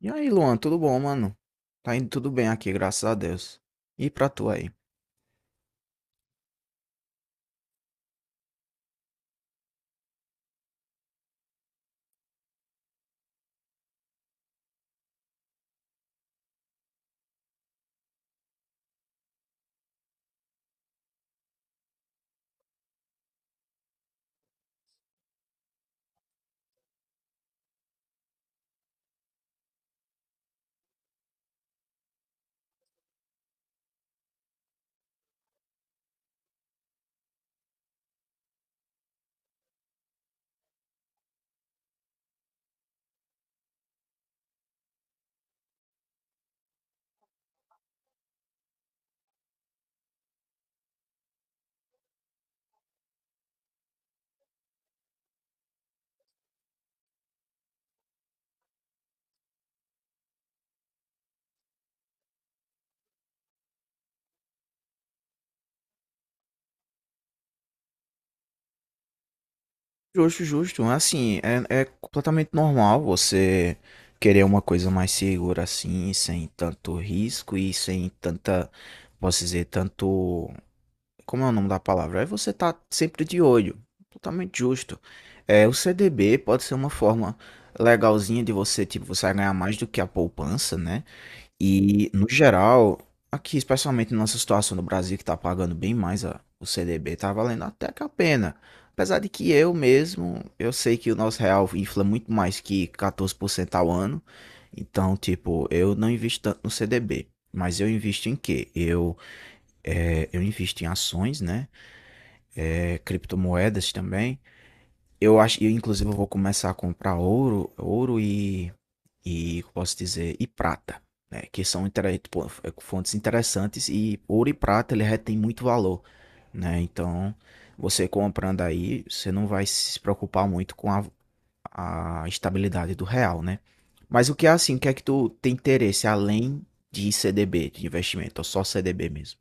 E aí, Luan, tudo bom, mano? Tá indo tudo bem aqui, graças a Deus. E pra tu aí? Justo, justo. Assim, é completamente normal você querer uma coisa mais segura assim, sem tanto risco e sem tanta, posso dizer, tanto. Como é o nome da palavra? Aí você tá sempre de olho. Totalmente justo. É, o CDB pode ser uma forma legalzinha de você, tipo, você vai ganhar mais do que a poupança, né? E, no geral, aqui, especialmente na nossa situação no Brasil, que tá pagando bem mais o CDB, tá valendo até que a pena. Apesar de que eu mesmo, eu sei que o nosso real infla muito mais que 14% ao ano. Então, tipo, eu não invisto tanto no CDB. Mas eu invisto em quê? Eu invisto em ações, né? É, criptomoedas também. Eu acho, eu inclusive eu vou começar a comprar ouro, e posso dizer, e prata, né? Que são pô, é, fontes interessantes e ouro e prata ele retém muito valor, né? Então, você comprando aí, você não vai se preocupar muito com a estabilidade do real, né? Mas o que é assim, o que é que tu tem interesse além de CDB, de investimento, ou só CDB mesmo?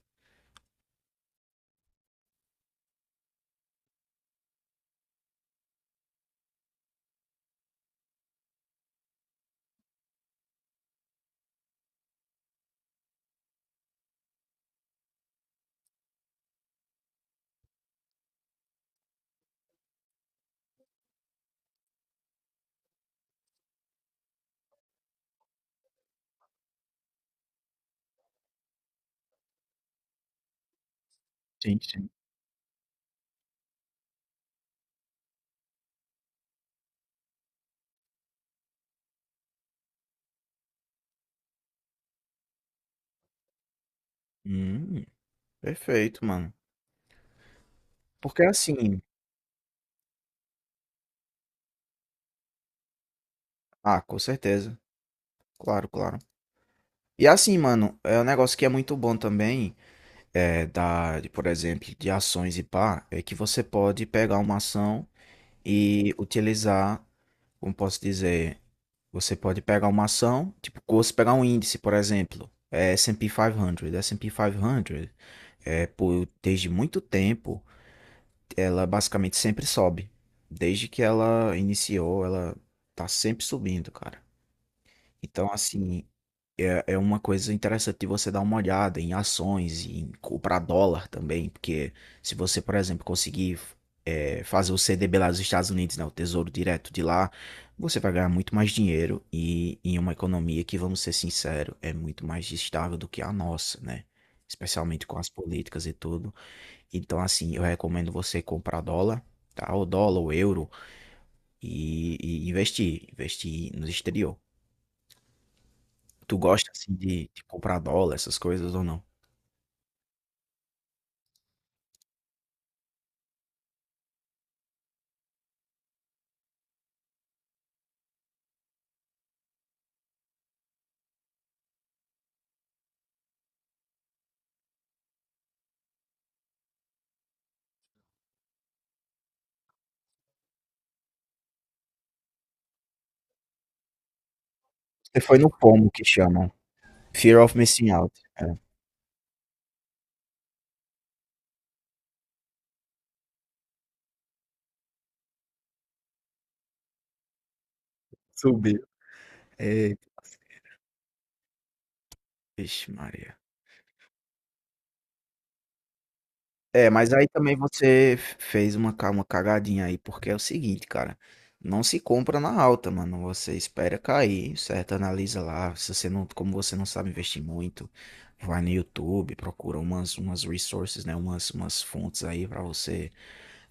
Sim, sim. Hum, perfeito, mano. Porque assim, ah, com certeza. Claro, claro. E assim, mano, é um negócio que é muito bom também, por exemplo, de ações e pá, é que você pode pegar uma ação e utilizar, como posso dizer, você pode pegar uma ação, tipo, você pegar um índice, por exemplo, é S&P 500. S&P 500, desde muito tempo, ela basicamente sempre sobe. Desde que ela iniciou, ela tá sempre subindo, cara. Então, assim, é uma coisa interessante de você dar uma olhada em ações e em comprar dólar também, porque se você, por exemplo, conseguir fazer o CDB lá dos Estados Unidos, né, o Tesouro Direto de lá, você vai ganhar muito mais dinheiro e em uma economia que, vamos ser sinceros, é muito mais estável do que a nossa, né? Especialmente com as políticas e tudo. Então, assim, eu recomendo você comprar dólar, tá? Ou dólar, ou euro, e investir, investir no exterior. Tu gosta, assim, de comprar dólar, essas coisas ou não? Você foi no pomo que chamam. Fear of missing out. É. Subiu. Eita, vixe Maria. É, mas aí também você fez uma, uma cagadinha aí, porque é o seguinte, cara. Não se compra na alta, mano. Você espera cair, certo? Analisa lá. Se você não, como você não sabe investir muito, vai no YouTube, procura umas, umas resources, né? Umas, umas fontes aí pra você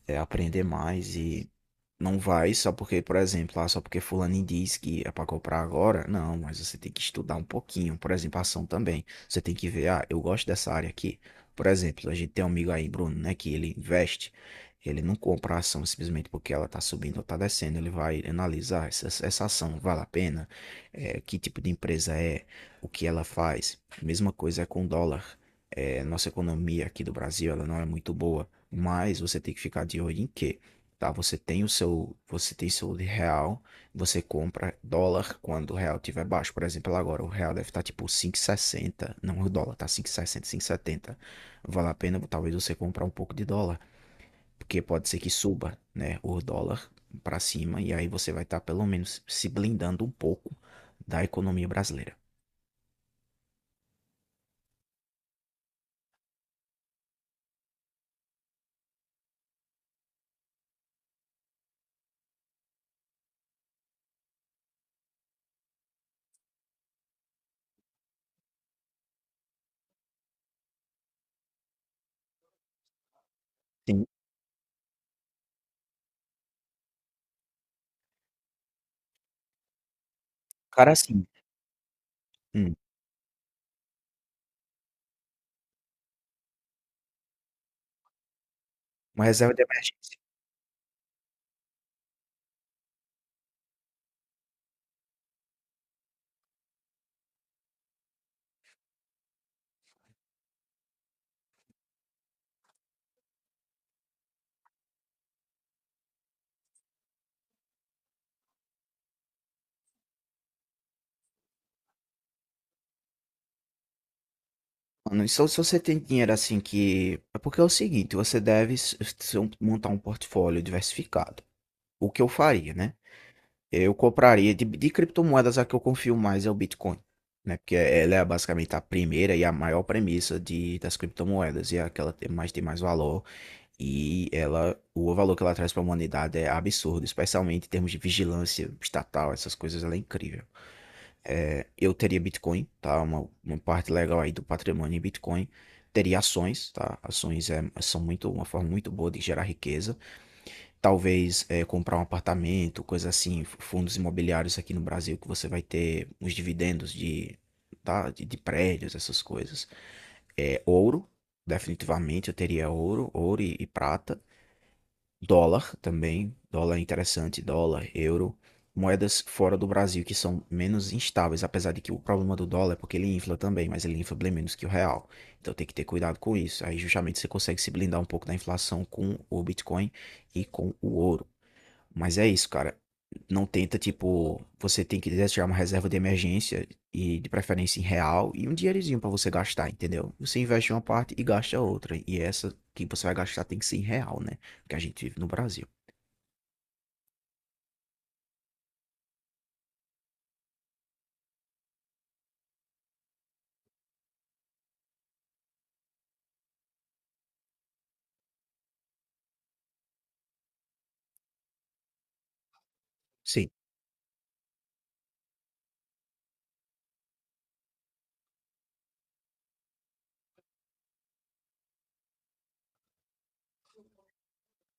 aprender mais e não vai só porque, por exemplo, ah, só porque fulano diz que é pra comprar agora. Não, mas você tem que estudar um pouquinho. Por exemplo, a ação também. Você tem que ver, ah, eu gosto dessa área aqui. Por exemplo, a gente tem um amigo aí, Bruno, né, que ele investe. Ele não compra a ação simplesmente porque ela tá subindo ou tá descendo. Ele vai analisar essa ação vale a pena. É, que tipo de empresa é, o que ela faz. Mesma coisa é com o dólar. É, nossa economia aqui do Brasil, ela não é muito boa. Mas você tem que ficar de olho em quê? Tá? Você tem o seu, você tem seu de real, você compra dólar quando o real tiver baixo. Por exemplo, agora o real deve estar tipo cinco e sessenta, não, o dólar tá 5,60, setenta. Vale a pena talvez você comprar um pouco de dólar, porque pode ser que suba, né, o dólar para cima e aí você vai estar pelo menos se blindando um pouco da economia brasileira. Sim, cara, assim, hum, uma reserva de emergência. Mano, só se você tem dinheiro assim que. É porque é o seguinte, você deve montar um portfólio diversificado. O que eu faria, né? Eu compraria de criptomoedas, a que eu confio mais é o Bitcoin, né? Porque ela é basicamente a primeira e a maior premissa de, das criptomoedas. E é aquela que mais tem mais valor. E ela, o valor que ela traz para a humanidade é absurdo, especialmente em termos de vigilância estatal, essas coisas, ela é incrível. É, eu teria Bitcoin, tá? Uma parte legal aí do patrimônio em Bitcoin. Teria ações, tá? Ações é, são muito uma forma muito boa de gerar riqueza. Talvez é, comprar um apartamento, coisa assim, fundos imobiliários aqui no Brasil que você vai ter os dividendos de, tá? De prédios, essas coisas. É, ouro, definitivamente eu teria ouro, ouro e prata. Dólar também, dólar é interessante, dólar, euro, moedas fora do Brasil que são menos instáveis, apesar de que o problema do dólar é porque ele infla também, mas ele infla bem menos que o real. Então tem que ter cuidado com isso. Aí justamente você consegue se blindar um pouco da inflação com o Bitcoin e com o ouro. Mas é isso, cara. Não tenta, tipo, você tem que quiser tirar uma reserva de emergência e de preferência em real e um dinheirinho pra você gastar, entendeu? Você investe uma parte e gasta a outra. E essa que você vai gastar tem que ser em real, né? Porque a gente vive no Brasil. Sim,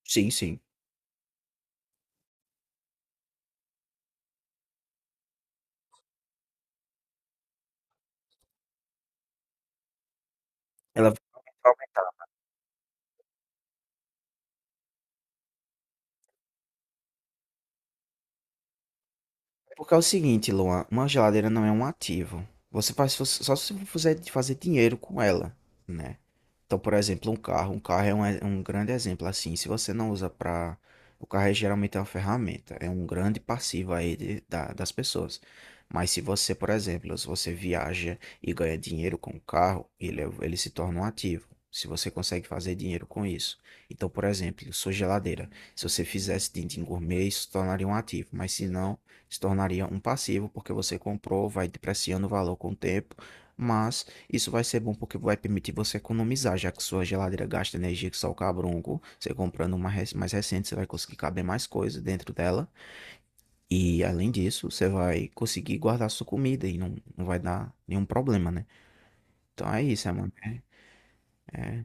sim, sim. Ela vai aumentar porque é o seguinte, Luan, uma geladeira não é um ativo. Você faz só se você fizer fazer dinheiro com ela, né? Então, por exemplo, um carro. Um carro é um grande exemplo. Assim, se você não usa para. O carro é, geralmente é uma ferramenta, é um grande passivo aí das pessoas. Mas se você, por exemplo, se você viaja e ganha dinheiro com o carro, ele, ele se torna um ativo. Se você consegue fazer dinheiro com isso. Então, por exemplo, sua geladeira. Se você fizesse dindim gourmet, isso se tornaria um ativo. Mas se não, se tornaria um passivo, porque você comprou, vai depreciando o valor com o tempo. Mas isso vai ser bom porque vai permitir você economizar, já que sua geladeira gasta energia que só o cabronco. Você comprando uma mais recente, você vai conseguir caber mais coisas dentro dela. E além disso, você vai conseguir guardar sua comida e não vai dar nenhum problema, né? Então é isso, é, mano. É, é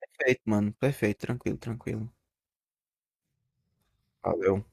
perfeito, mano. Perfeito, tranquilo, tranquilo. Valeu.